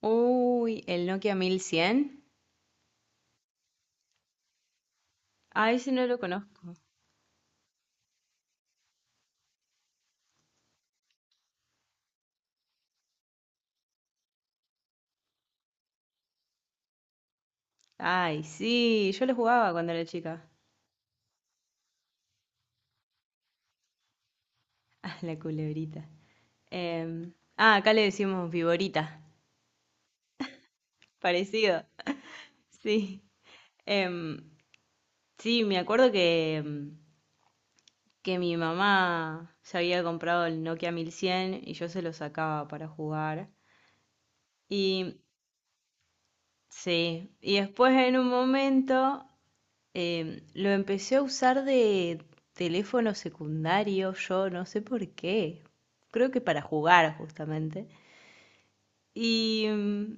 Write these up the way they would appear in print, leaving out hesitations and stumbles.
Uy, el Nokia 1100. Ay, ese no lo conozco. Ay, sí, yo lo jugaba cuando era chica. Ah, la culebrita. Acá le decimos viborita. Parecido. Sí. Em, sí, me acuerdo que, que mi mamá se había comprado el Nokia 1100 y yo se lo sacaba para jugar. Y sí, y después en un momento lo empecé a usar de teléfono secundario, yo no sé por qué. Creo que para jugar justamente. Y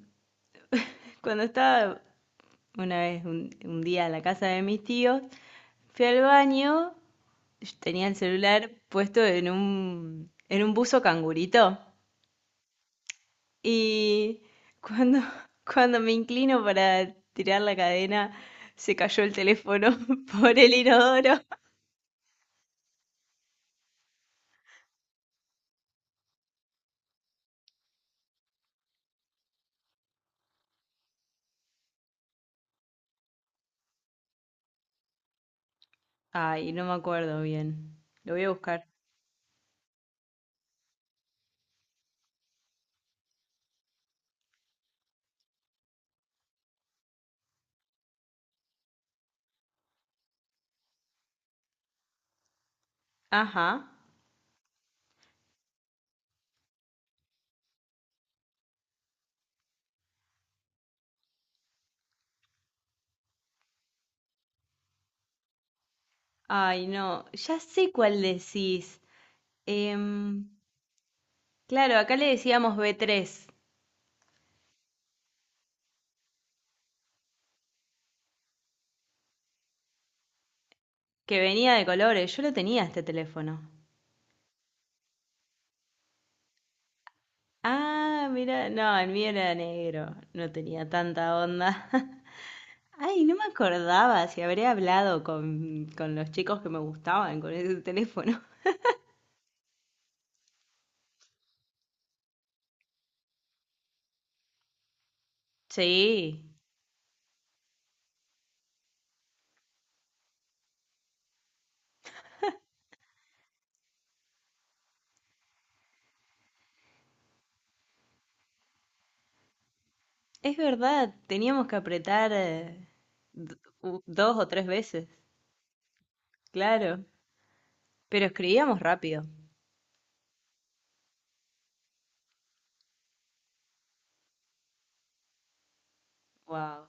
cuando estaba una vez, un día en la casa de mis tíos, fui al baño, yo tenía el celular puesto en en un buzo cangurito. Y cuando, cuando me inclino para tirar la cadena, se cayó el teléfono por el inodoro. Ay, no me acuerdo bien. Lo voy a buscar. Ajá. Ay, no. Ya sé cuál decís. Em, claro, acá le decíamos B3, que venía de colores. Yo lo tenía este teléfono. Ah, mira, no, el mío era negro. No tenía tanta onda. Ay, no me acordaba si habré hablado con los chicos que me gustaban con ese teléfono. Sí, es verdad. Teníamos que apretar d- dos o tres veces. Claro. Pero escribíamos rápido. Wow.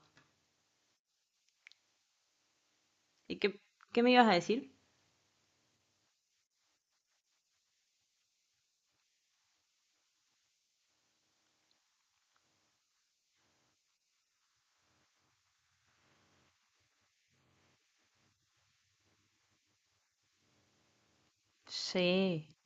¿Y qué, qué me ibas a decir? Sí.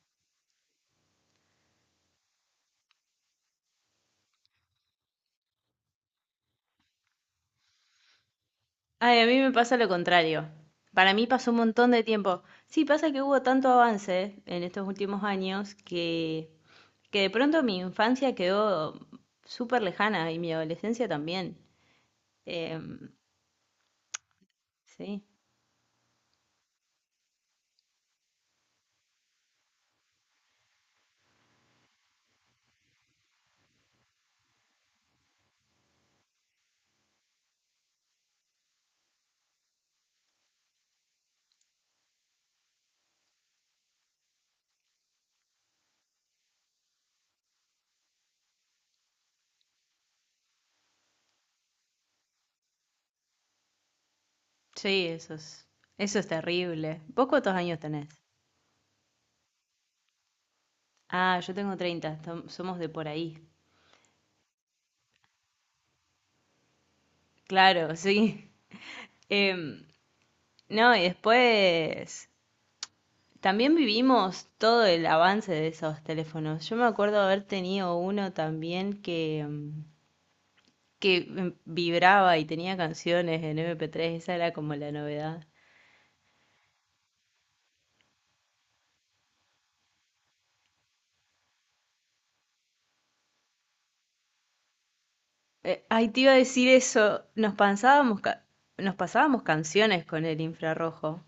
Ay, a mí me pasa lo contrario. Para mí pasó un montón de tiempo. Sí, pasa que hubo tanto avance en estos últimos años que de pronto mi infancia quedó súper lejana y mi adolescencia también. Em, sí, sí, eso es, eso es terrible. ¿Vos cuántos años tenés? Ah, yo tengo somos de por ahí. Claro, sí. Em, no, y después también vivimos todo el avance de esos teléfonos. Yo me acuerdo haber tenido uno también que, que vibraba y tenía canciones en MP3, esa era como la novedad. Ay, te iba a decir eso, nos pasábamos canciones con el infrarrojo.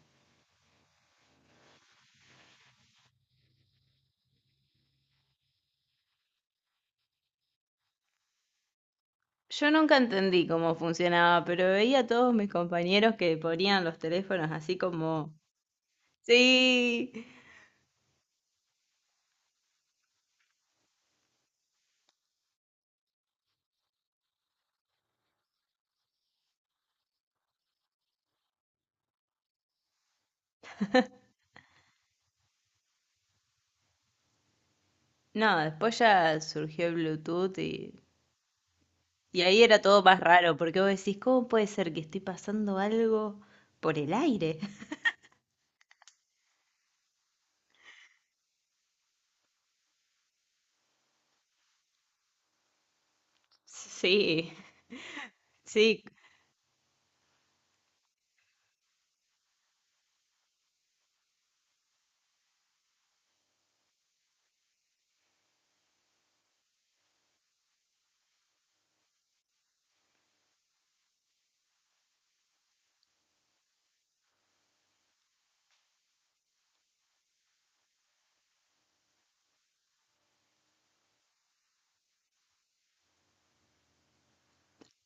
Yo nunca entendí cómo funcionaba, pero veía a todos mis compañeros que ponían los teléfonos así como... Sí. No, después ya surgió el Bluetooth y Y ahí era todo más raro, porque vos decís, ¿cómo puede ser que estoy pasando algo por el aire? Sí, sí,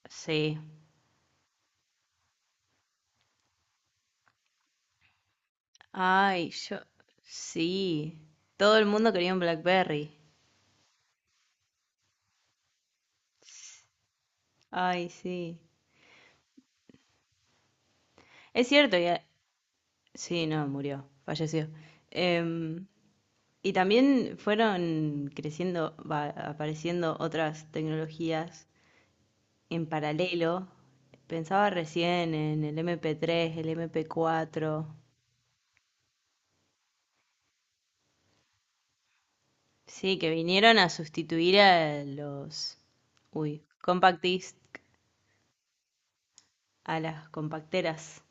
sí. Ay, yo, sí. Todo el mundo quería un BlackBerry. Ay, sí. Es cierto, ya... sí, no, murió, falleció. Em, y también fueron creciendo, va, apareciendo otras tecnologías en paralelo. Pensaba recién en el MP3, el MP4. Sí, que vinieron a sustituir a los, uy, compact disc, a las compacteras.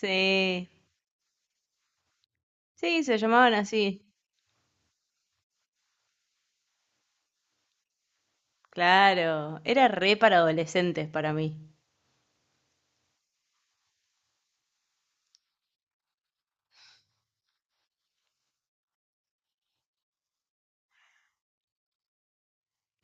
Sí, sí, se llamaban así. Claro, era re para adolescentes para mí.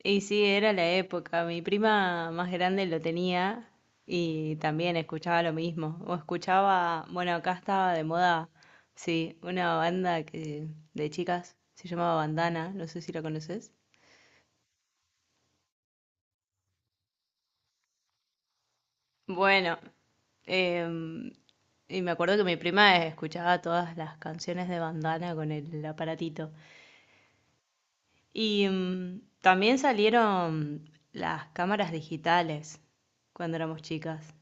Y sí, era la época. Mi prima más grande lo tenía y también escuchaba lo mismo. O escuchaba, bueno, acá estaba de moda, sí, una banda que de chicas se llamaba Bandana, no sé si la conoces. Bueno, em, y me acuerdo que mi prima escuchaba todas las canciones de Bandana con el aparatito. Y también salieron las cámaras digitales cuando éramos chicas.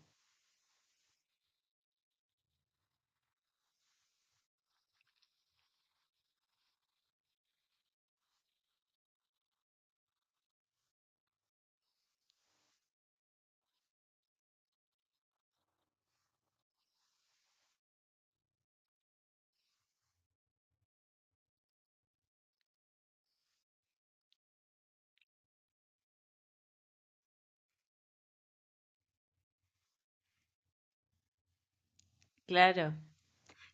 Claro.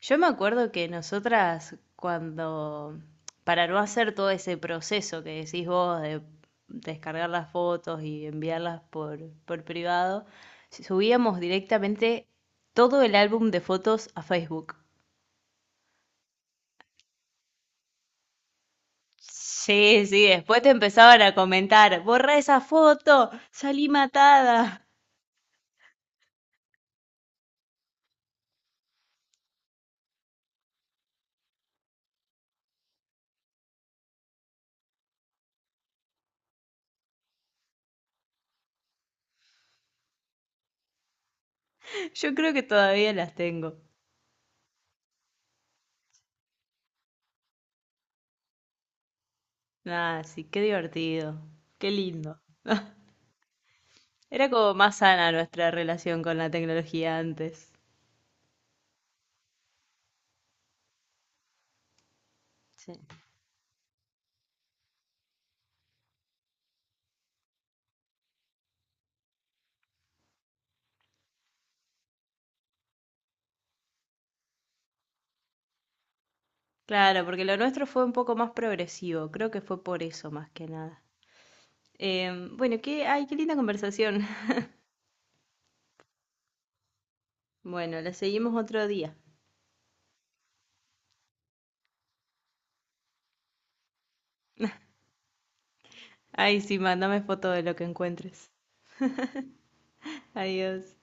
Yo me acuerdo que nosotras cuando, para no hacer todo ese proceso que decís vos de descargar las fotos y enviarlas por privado, subíamos directamente todo el álbum de fotos a Facebook. Sí, sí, después te empezaban a comentar, borra esa foto, salí matada. Yo creo que todavía las tengo. Ah, sí, qué divertido, qué lindo. Era como más sana nuestra relación con la tecnología antes. Sí. Claro, porque lo nuestro fue un poco más progresivo, creo que fue por eso más que nada. Bueno, qué, ay, qué linda conversación. Bueno, la seguimos otro día. Ay, sí, mándame foto de lo que encuentres. Adiós.